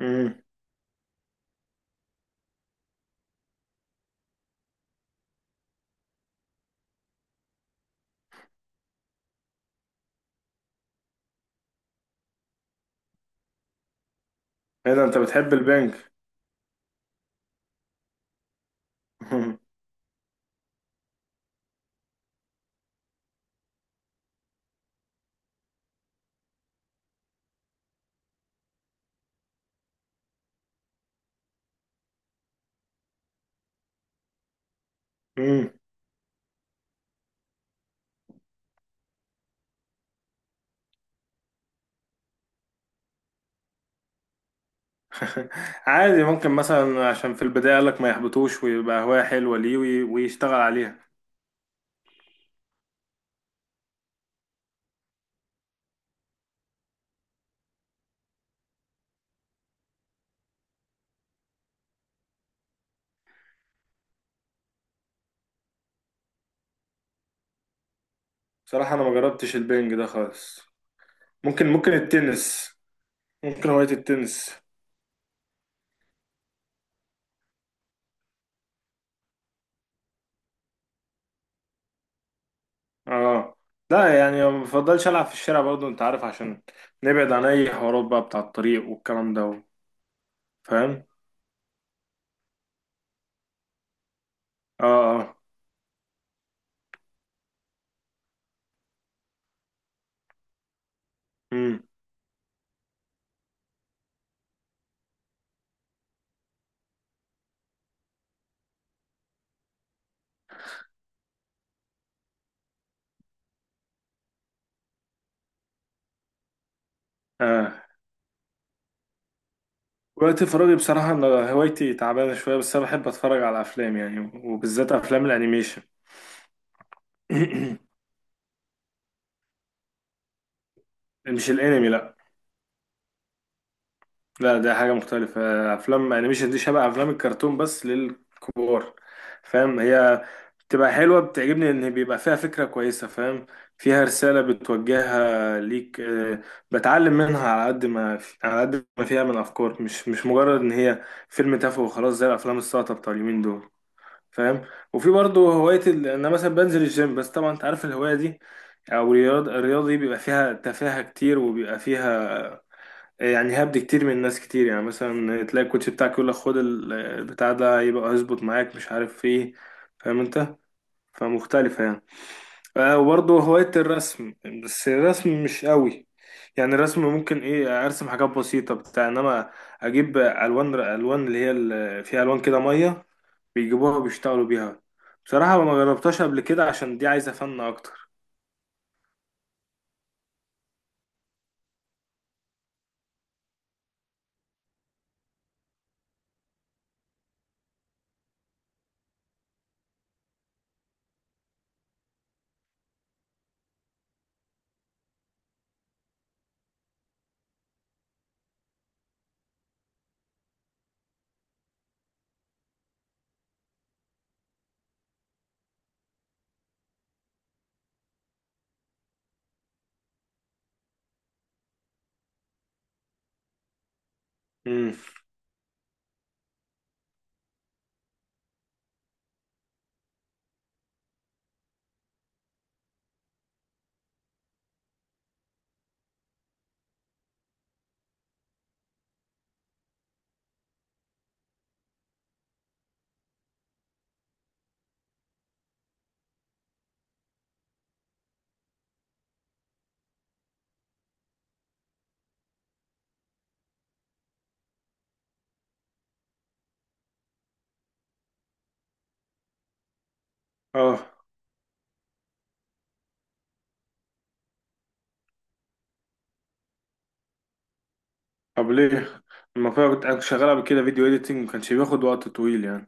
امم ايه ده، انت بتحب البنك؟ امم. عادي، ممكن مثلا عشان في البداية قالك ما يحبطوش ويبقى هواية حلوة ليه، ويشتغل عليها. بصراحة انا ما جربتش البنج ده خالص. ممكن التنس، ممكن هواية التنس. اه، لا يعني ما بفضلش العب في الشارع برضو، انت عارف، عشان نبعد عن اي حوارات بقى بتاع الطريق والكلام ده. فاهم. اه. اه. امم. اه، وقت فراغي بصراحة أنا هوايتي تعبانة شوية، بس أنا بحب أتفرج على أفلام يعني، وبالذات أفلام الأنيميشن. مش الانمي، لا. لا، ده حاجة مختلفة. افلام انيميشن دي شبه افلام الكرتون بس للكبار. فاهم؟ هي بتبقى حلوة، بتعجبني ان بيبقى فيها فكرة كويسة. فاهم؟ فيها رسالة بتوجهها ليك. بتعلم منها على قد ما فيها من افكار، مش مجرد ان هي فيلم تافه وخلاص زي الافلام الساقطة بتاع اليومين دول. فاهم؟ وفي برضه هواية انا مثلا بنزل الجيم، بس طبعا انت عارف الهواية دي، او الرياضة دي بيبقى فيها تفاهة كتير، وبيبقى فيها يعني هبد كتير من ناس كتير. يعني مثلا تلاقي الكوتش بتاعك يقول لك خد البتاع ده، يبقى هيظبط معاك، مش عارف ايه. فاهم انت؟ فمختلفة يعني. وبرضه هواية الرسم، بس الرسم مش قوي. يعني الرسم ممكن ايه، ارسم حاجات بسيطة بتاع، انما اجيب الوان، اللي هي فيها الوان كده مية، بيجيبوها وبيشتغلوا بيها. بصراحة ما جربتهاش قبل كده عشان دي عايزة فن اكتر. امم. اه. طب ليه لما كنت شغال قبل كده فيديو اديتنج ما كانش بياخد وقت طويل يعني؟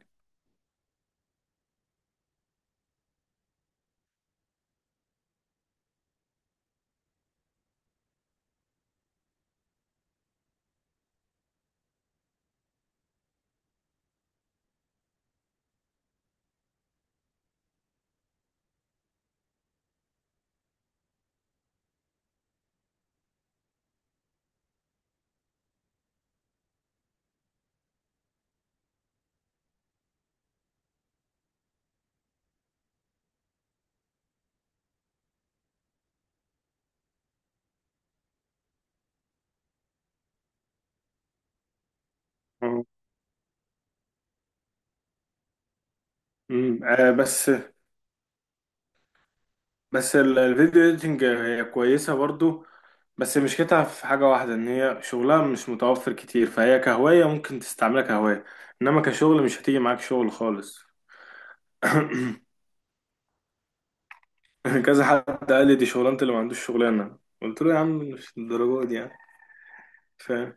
آه. مم. بس الفيديو اديتنج هي كويسة برضو، بس مشكلتها في حاجة واحدة، ان هي شغلها مش متوفر كتير، فهي كهواية ممكن تستعملها كهواية، انما كشغل مش هتيجي معاك شغل خالص. كذا حد قال لي دي شغلانة اللي ما عندوش شغلانة، قلت له يا عم مش الدرجة دي يعني. فاهم؟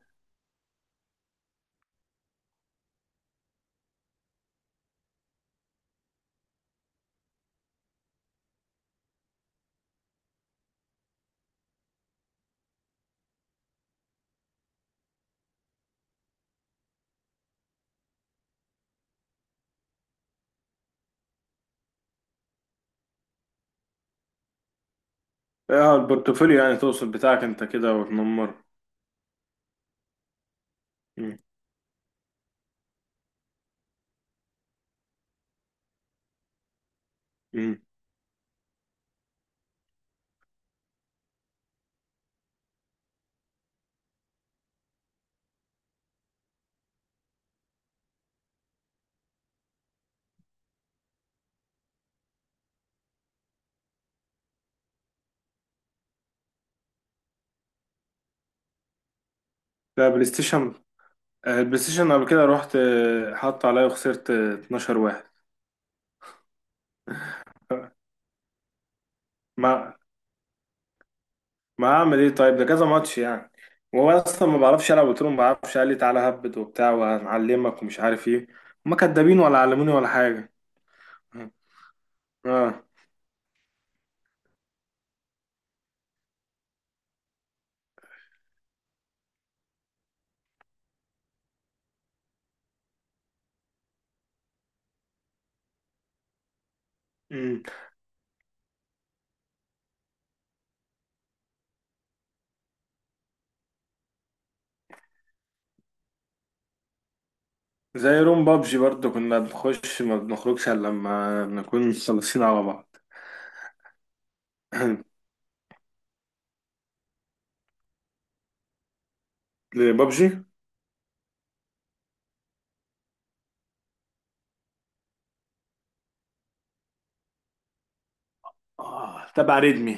اه، البورتفوليو يعني، تقصد بتاعك انت كده وتنمر. مم. مم. لا، بلاي ستيشن. البلاي ستيشن قبل كده رحت، حط عليا وخسرت، 12 واحد. ما ما اعمل ايه طيب؟ ده كذا ماتش يعني. وهو اصلا ما بعرفش العب، قلت له ما بعرفش، قال لي تعالى هبد وبتاع وهنعلمك ومش عارف ايه. هما كدابين، ولا علموني ولا حاجه. اه. أمم. زي روم بابجي برضو، كنا بنخش ما بنخرجش الا لما نكون مخلصين على بعض. بابجي. اه، تبع ريدمي.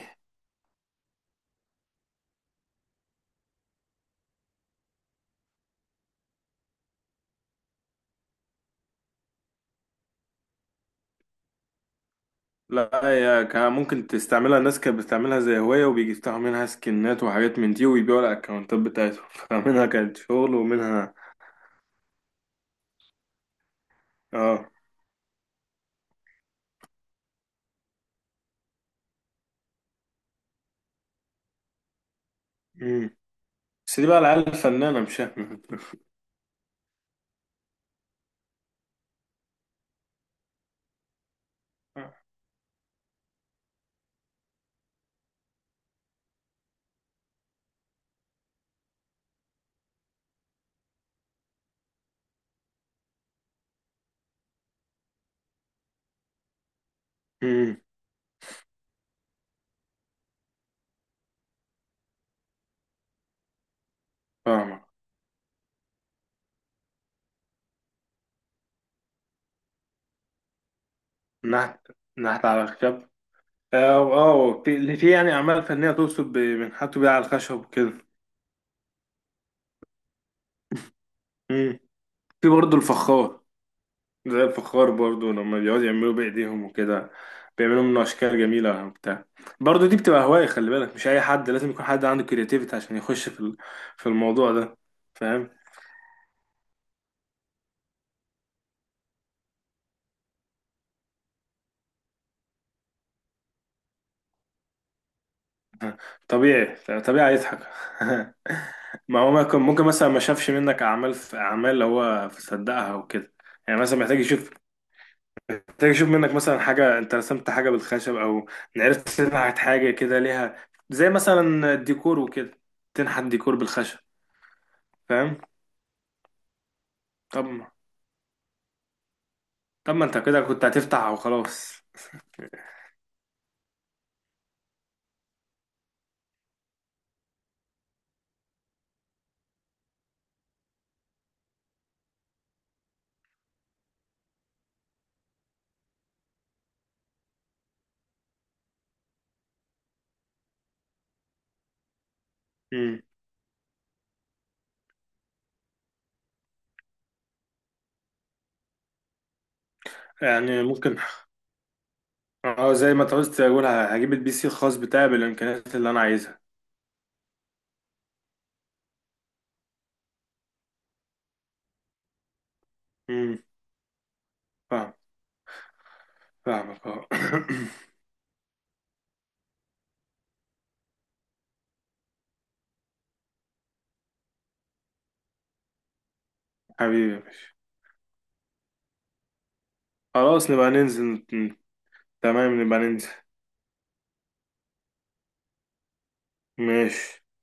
لا، هي كان ممكن تستعملها، الناس كانت بتستعملها زي هواية، وبيجي يفتحوا منها سكنات وحاجات من دي ويبيعوا الأكونتات بتاعتهم. فمنها كانت شغل ومنها اه بس دي بقى العيال الفنانة، مش احنا. امم. فاهمة. نحت. نحت على الخشب. اه. في يعني أعمال فنية توصف، بنحتوا بيها على الخشب وكده. امم. في برضه الفخار، زي الفخار برضه لما بيقعدوا يعملوا بإيديهم وكده، بيعملوا منه أشكال جميلة وبتاع. برضه دي بتبقى هواية، خلي بالك، مش أي حد، لازم يكون حد عنده كرياتيفيتي عشان يخش في في الموضوع ده. فاهم؟ طبيعي. طبيعي يضحك. ما هو ممكن، مثلا ما شافش منك اعمال، في اعمال اللي هو صدقها وكده. يعني مثلا محتاج يشوف. محتاج يشوف منك مثلا حاجه، انت رسمت حاجه بالخشب، او عرفت تنحت حاجه كده ليها زي مثلا الديكور وكده، تنحت ديكور بالخشب. فاهم؟ طب ما طب ما انت كده كنت هتفتح وخلاص. مم. يعني ممكن. اه، زي ما انت قلت، اقول هجيب البي سي الخاص بتاعي بالامكانيات اللي انا عايزها. امم. فاهم، فاهمك. اه. حبيبي يا باشا. خلاص نبقى ننزل. تمام نبقى ننزل. ماشي.